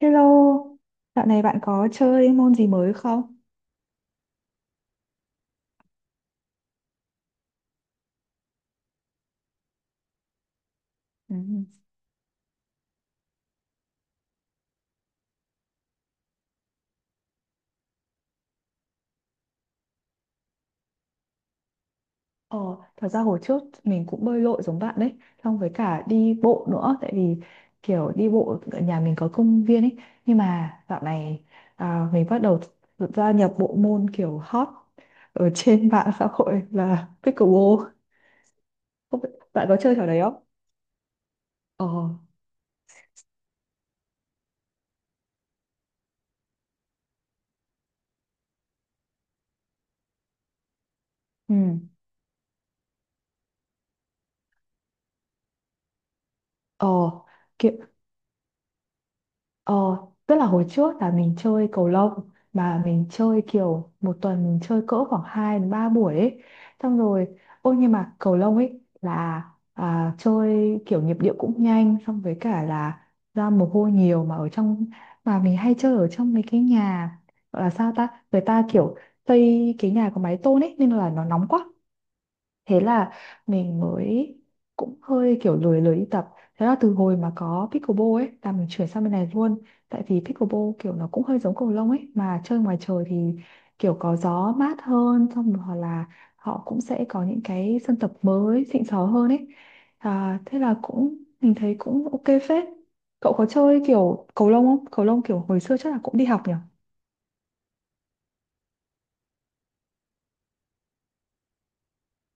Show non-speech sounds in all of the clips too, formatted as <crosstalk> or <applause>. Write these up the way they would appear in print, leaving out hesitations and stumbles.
Hello, dạo này bạn có chơi môn gì mới không? Ừ. Ờ, thật ra hồi trước mình cũng bơi lội giống bạn đấy, xong với cả đi bộ nữa, tại vì kiểu đi bộ ở nhà mình có công viên ấy, nhưng mà dạo này mình bắt đầu gia nhập bộ môn kiểu hot ở <laughs> trên mạng xã hội là pickleball. Không biết- Bạn có chơi trò đấy không? Ờ, ừ, ờ, kiểu Ờ, tức là hồi trước là mình chơi cầu lông mà mình chơi kiểu một tuần mình chơi cỡ khoảng 2 đến 3 buổi ấy. Xong rồi, ôi nhưng mà cầu lông ấy là chơi kiểu nhịp điệu cũng nhanh xong với cả là ra mồ hôi nhiều mà ở trong mà mình hay chơi ở trong mấy cái nhà gọi là sao ta? Người ta kiểu xây cái nhà có mái tôn ấy nên là nó nóng quá, thế là mình mới cũng hơi kiểu lười lười đi tập. Thế là từ hồi mà có pickleball ấy là mình chuyển sang bên này luôn, tại vì pickleball kiểu nó cũng hơi giống cầu lông ấy mà chơi ngoài trời thì kiểu có gió mát hơn, xong rồi hoặc là họ cũng sẽ có những cái sân tập mới xịn sò hơn ấy. Thế là cũng mình thấy cũng ok phết. Cậu có chơi kiểu cầu lông không? Cầu lông kiểu hồi xưa chắc là cũng đi học nhỉ.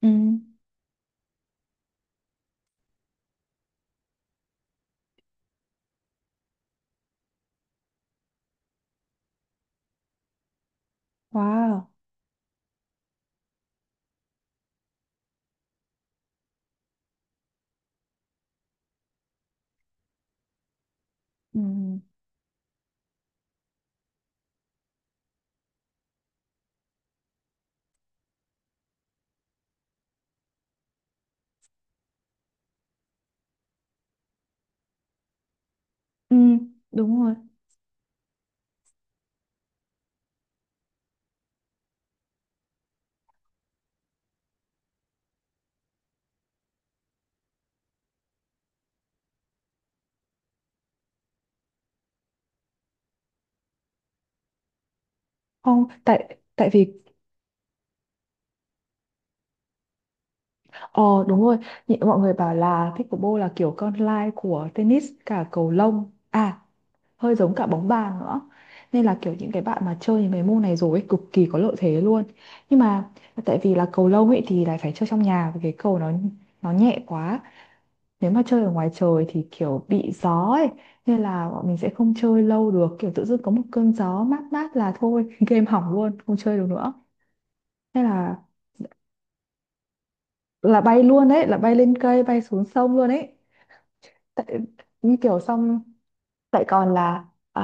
Ừ. Wow. Ừ. Ừ, đúng rồi. Không, tại tại vì Ờ đúng rồi, nhị mọi người bảo là pickleball là kiểu con lai của tennis cả cầu lông, à hơi giống cả bóng bàn nữa. Nên là kiểu những cái bạn mà chơi những cái môn này rồi ấy, cực kỳ có lợi thế luôn. Nhưng mà tại vì là cầu lông ấy thì lại phải chơi trong nhà vì cái cầu nó nhẹ quá. Nếu mà chơi ở ngoài trời thì kiểu bị gió ấy, nên là bọn mình sẽ không chơi lâu được, kiểu tự dưng có một cơn gió mát mát là thôi <laughs> game hỏng luôn, không chơi được nữa. Thế là bay luôn đấy, là bay lên cây, bay xuống sông luôn ấy. Tại như kiểu xong tại còn là à,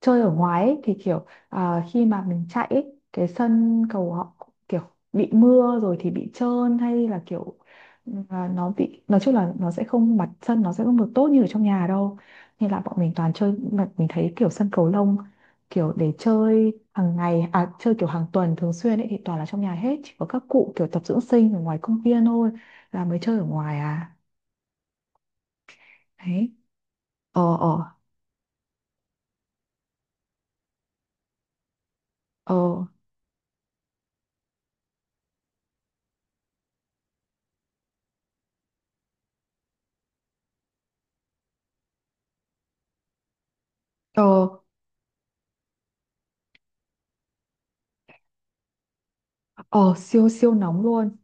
chơi ở ngoài ấy, thì kiểu khi mà mình chạy ấy, cái sân cầu họ kiểu bị mưa rồi thì bị trơn, hay là kiểu nó bị nói chung là nó sẽ không mặt sân nó sẽ không được tốt như ở trong nhà đâu, nên là bọn mình toàn chơi mà mình thấy kiểu sân cầu lông kiểu để chơi hàng ngày, à chơi kiểu hàng tuần thường xuyên ấy thì toàn là trong nhà hết, chỉ có các cụ kiểu tập dưỡng sinh ở ngoài công viên thôi là mới chơi ở ngoài à. Đấy. ờ ờ ờ Ờ, ờ siêu siêu nóng luôn.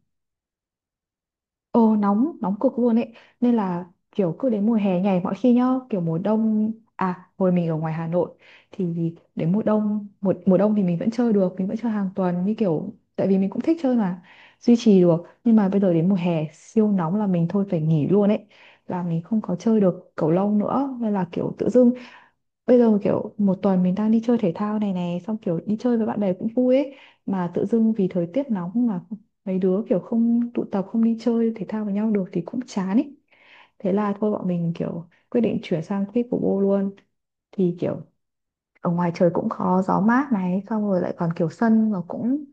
Ờ nóng, nóng cực luôn ấy. Nên là kiểu cứ đến mùa hè nhảy mọi khi nhá. Kiểu mùa đông, à hồi mình ở ngoài Hà Nội thì đến mùa đông, mùa đông thì mình vẫn chơi được. Mình vẫn chơi hàng tuần, như kiểu tại vì mình cũng thích chơi mà, duy trì được. Nhưng mà bây giờ đến mùa hè siêu nóng là mình thôi phải nghỉ luôn ấy, là mình không có chơi được cầu lông nữa. Nên là kiểu tự dưng bây giờ kiểu một tuần mình đang đi chơi thể thao này này xong kiểu đi chơi với bạn bè cũng vui ấy, mà tự dưng vì thời tiết nóng mà mấy đứa kiểu không tụ tập không đi chơi thể thao với nhau được thì cũng chán ấy, thế là thôi bọn mình kiểu quyết định chuyển sang pickleball luôn. Thì kiểu ở ngoài trời cũng có gió mát này, xong rồi lại còn kiểu sân nó cũng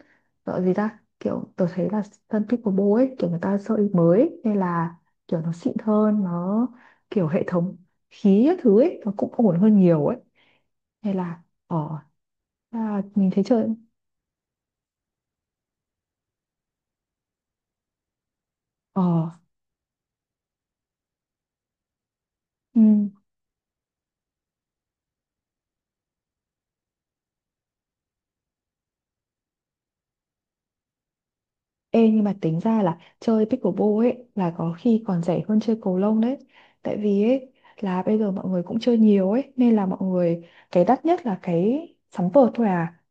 gọi gì ta, kiểu tôi thấy là sân pickleball ấy kiểu người ta xây mới ấy, nên là kiểu nó xịn hơn, nó kiểu hệ thống khí các thứ ấy nó cũng ổn hơn nhiều ấy, hay là mình thấy chơi ờ ừm, ê nhưng mà tính ra là chơi pickleball ấy là có khi còn rẻ hơn chơi cầu lông đấy, tại vì ấy là bây giờ mọi người cũng chơi nhiều ấy nên là mọi người cái đắt nhất là cái sóng vợt thôi à.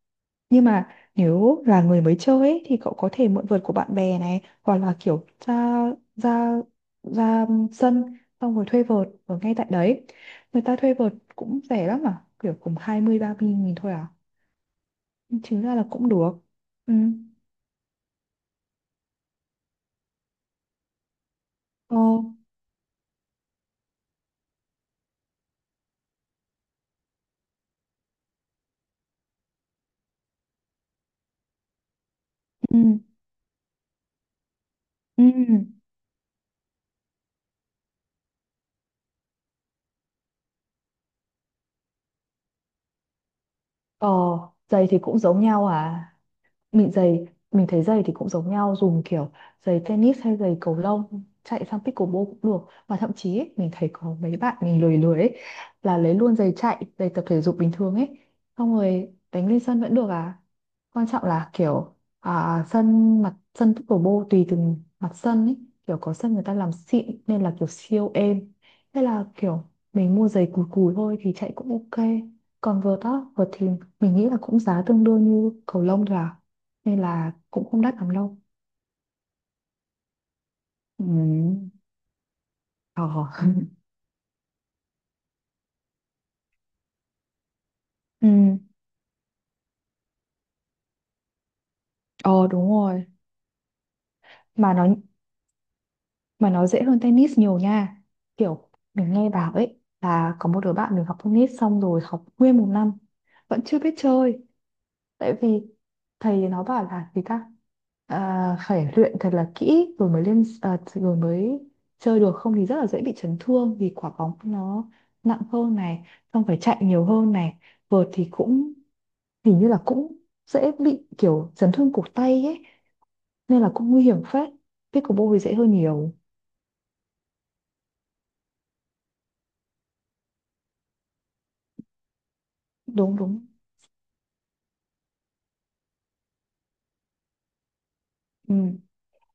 Nhưng mà nếu là người mới chơi ấy, thì cậu có thể mượn vợt của bạn bè này, hoặc là kiểu ra ra ra sân xong rồi thuê vợt ở ngay tại đấy, người ta thuê vợt cũng rẻ lắm mà, kiểu cũng 20 30 nghìn thôi à, chính ra là cũng được. ừ ờ ừ ừ ờ giày thì cũng giống nhau à, mình giày mình thấy giày thì cũng giống nhau, dùng kiểu giày tennis hay giày cầu lông chạy sang pickleball cũng được, mà thậm chí ấy, mình thấy có mấy bạn mình lười lười ấy, là lấy luôn giày chạy, giày tập thể dục bình thường ấy xong rồi đánh lên sân vẫn được à. Quan trọng là kiểu sân mặt sân pickleball tùy từng mặt sân ấy, kiểu có sân người ta làm xịn nên là kiểu siêu êm, thế là kiểu mình mua giày cùi cùi thôi thì chạy cũng ok. Còn vợt á, vợt thì mình nghĩ là cũng giá tương đương như cầu lông thôi à, nên là cũng không đắt lắm đâu. Ừ. Ờ. ừ ờ đúng rồi. mà nó mà nó dễ hơn tennis nhiều nha, kiểu mình nghe bảo ấy là có một đứa bạn mình học tennis xong rồi học nguyên 1 năm vẫn chưa biết chơi, tại vì thầy nó bảo là gì ta, phải luyện thật là kỹ rồi mới lên, rồi mới chơi được, không thì rất là dễ bị chấn thương vì quả bóng nó nặng hơn này, xong phải chạy nhiều hơn này, vợt thì cũng hình như là cũng dễ bị kiểu chấn thương cổ tay ấy, nên là cũng nguy hiểm phết. Pickleball thì dễ hơn nhiều. Đúng đúng. Ừ.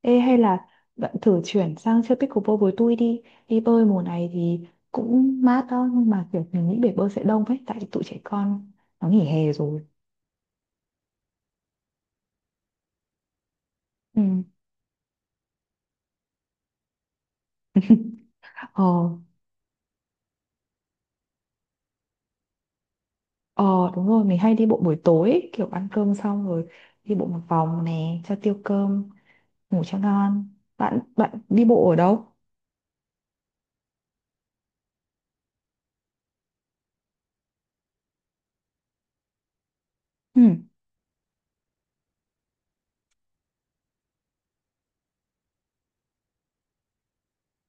Ê, hay là bạn thử chuyển sang chơi pickleball với tôi đi. Đi bơi mùa này thì cũng mát đó nhưng mà kiểu mình nghĩ bể bơi sẽ đông ấy tại tụi trẻ con nó nghỉ hè rồi. Ừ. ờ ờ đúng rồi mình hay đi bộ buổi tối ấy, kiểu ăn cơm xong rồi đi bộ một vòng nè cho tiêu cơm, ngủ cho ngon. Bạn Bạn đi bộ ở đâu? Ừ.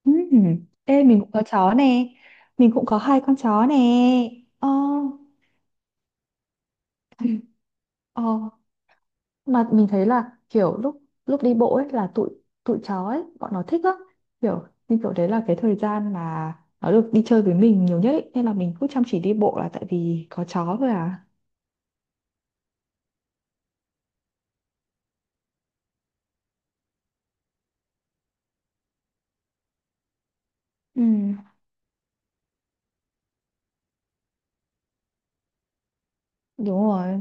Ừ, ê, mình cũng có chó nè, mình cũng có 2 con chó nè. ờ ờ mà mình thấy là kiểu lúc lúc đi bộ ấy là tụi tụi chó ấy bọn nó thích lắm, kiểu như kiểu đấy là cái thời gian mà nó được đi chơi với mình nhiều nhất ấy, nên là mình cứ chăm chỉ đi bộ là tại vì có chó thôi à. ừ Đúng rồi.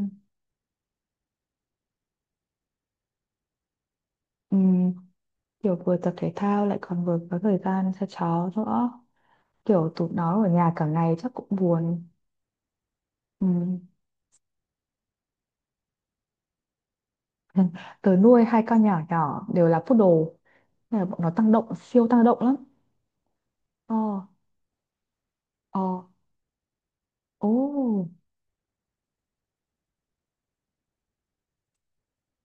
ừ Kiểu vừa tập thể thao lại còn vừa có thời gian cho chó nữa, kiểu tụi nó ở nhà cả ngày chắc cũng buồn. Ừ. Ừ. Tớ nuôi 2 con nhỏ nhỏ đều là poodle nên là bọn nó tăng động, siêu tăng động lắm. Ờ, ờ, ồ,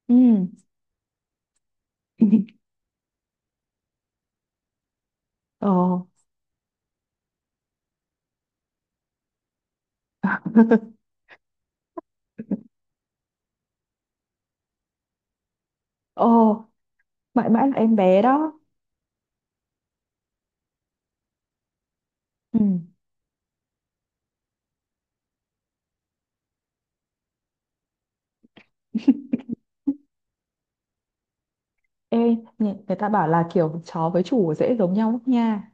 ừ, <laughs> ờ, <laughs> ờ, mãi mãi là em bé đó. Ừ. Ê, người, người ta bảo là kiểu chó với chủ dễ giống nhau lắm nha.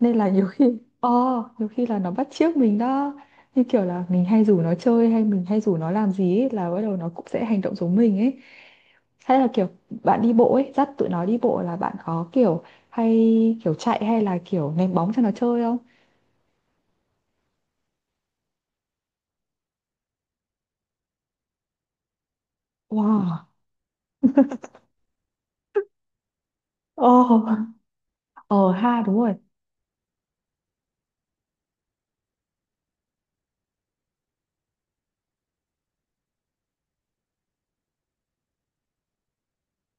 Nên là nhiều khi, <laughs> ờ, nhiều khi là nó bắt chước mình đó. Như kiểu là mình hay rủ nó chơi hay mình hay rủ nó làm gì ấy, là bắt đầu nó cũng sẽ hành động giống mình ấy. Hay là kiểu bạn đi bộ ấy, dắt tụi nó đi bộ là bạn có kiểu hay kiểu chạy hay là kiểu ném bóng cho nó chơi không? Wow. Ờ, ờ ha đúng rồi.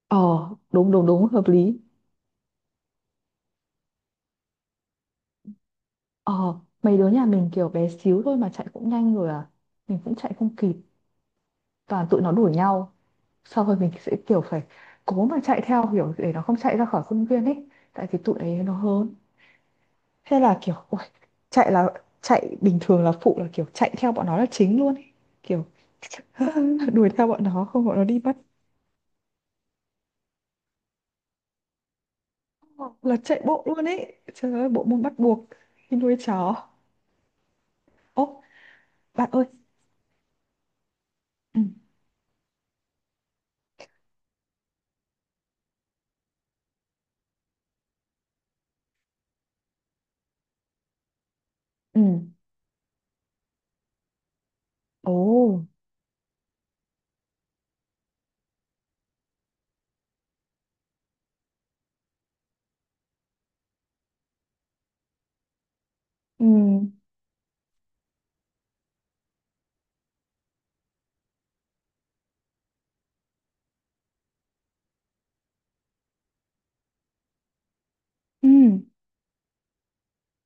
Ờ, đúng đúng đúng hợp lý. Ờ, mấy đứa nhà mình kiểu bé xíu thôi mà chạy cũng nhanh rồi à. Mình cũng chạy không kịp, toàn tụi nó đuổi nhau. Sau rồi mình sẽ kiểu phải cố mà chạy theo kiểu để nó không chạy ra khỏi khuôn viên ấy, tại vì tụi ấy nó hớn. Thế là kiểu ôi, chạy là chạy bình thường là phụ là kiểu chạy theo bọn nó là chính luôn ấy. Kiểu <laughs> đuổi theo bọn nó không bọn nó đi bắt là chạy bộ luôn ấy. Trời ơi bộ môn bắt buộc khi nuôi chó. Ô bạn ơi. Ừ. Ừ. Ồ. Ừ. Ừ.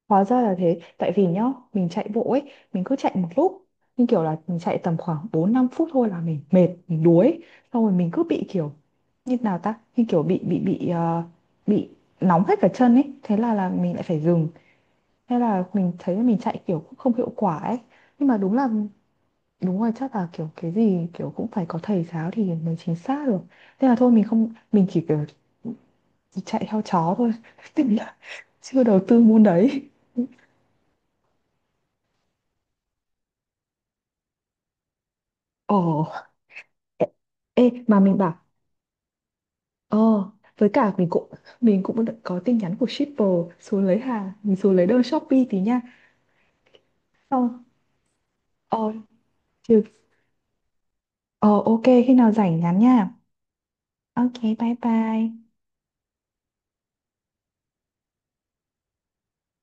Hóa ra là thế, tại vì nhá, mình chạy bộ ấy, mình cứ chạy một lúc, nhưng kiểu là mình chạy tầm khoảng 4 5 phút thôi là mình mệt, mình đuối, xong rồi mình cứ bị kiểu như nào ta, như kiểu bị bị nóng hết cả chân ấy, thế là mình lại phải dừng. Thế là mình thấy là mình chạy kiểu cũng không hiệu quả ấy. Nhưng mà đúng là đúng rồi chắc là kiểu cái gì kiểu cũng phải có thầy giáo thì mới chính xác được. Thế là thôi mình không mình chỉ kiểu chạy theo chó thôi, <laughs> tức là chưa đầu tư môn đấy. Ồ. Ê, ê, mà mình bảo. Ờ với cả mình cũng, mình cũng đã có tin nhắn của shipper, xuống lấy hàng, mình xuống lấy đơn Shopee tí nha. Ờ Ờ chứ- ờ, ok khi nào rảnh nhắn nha. Ok, bye bye.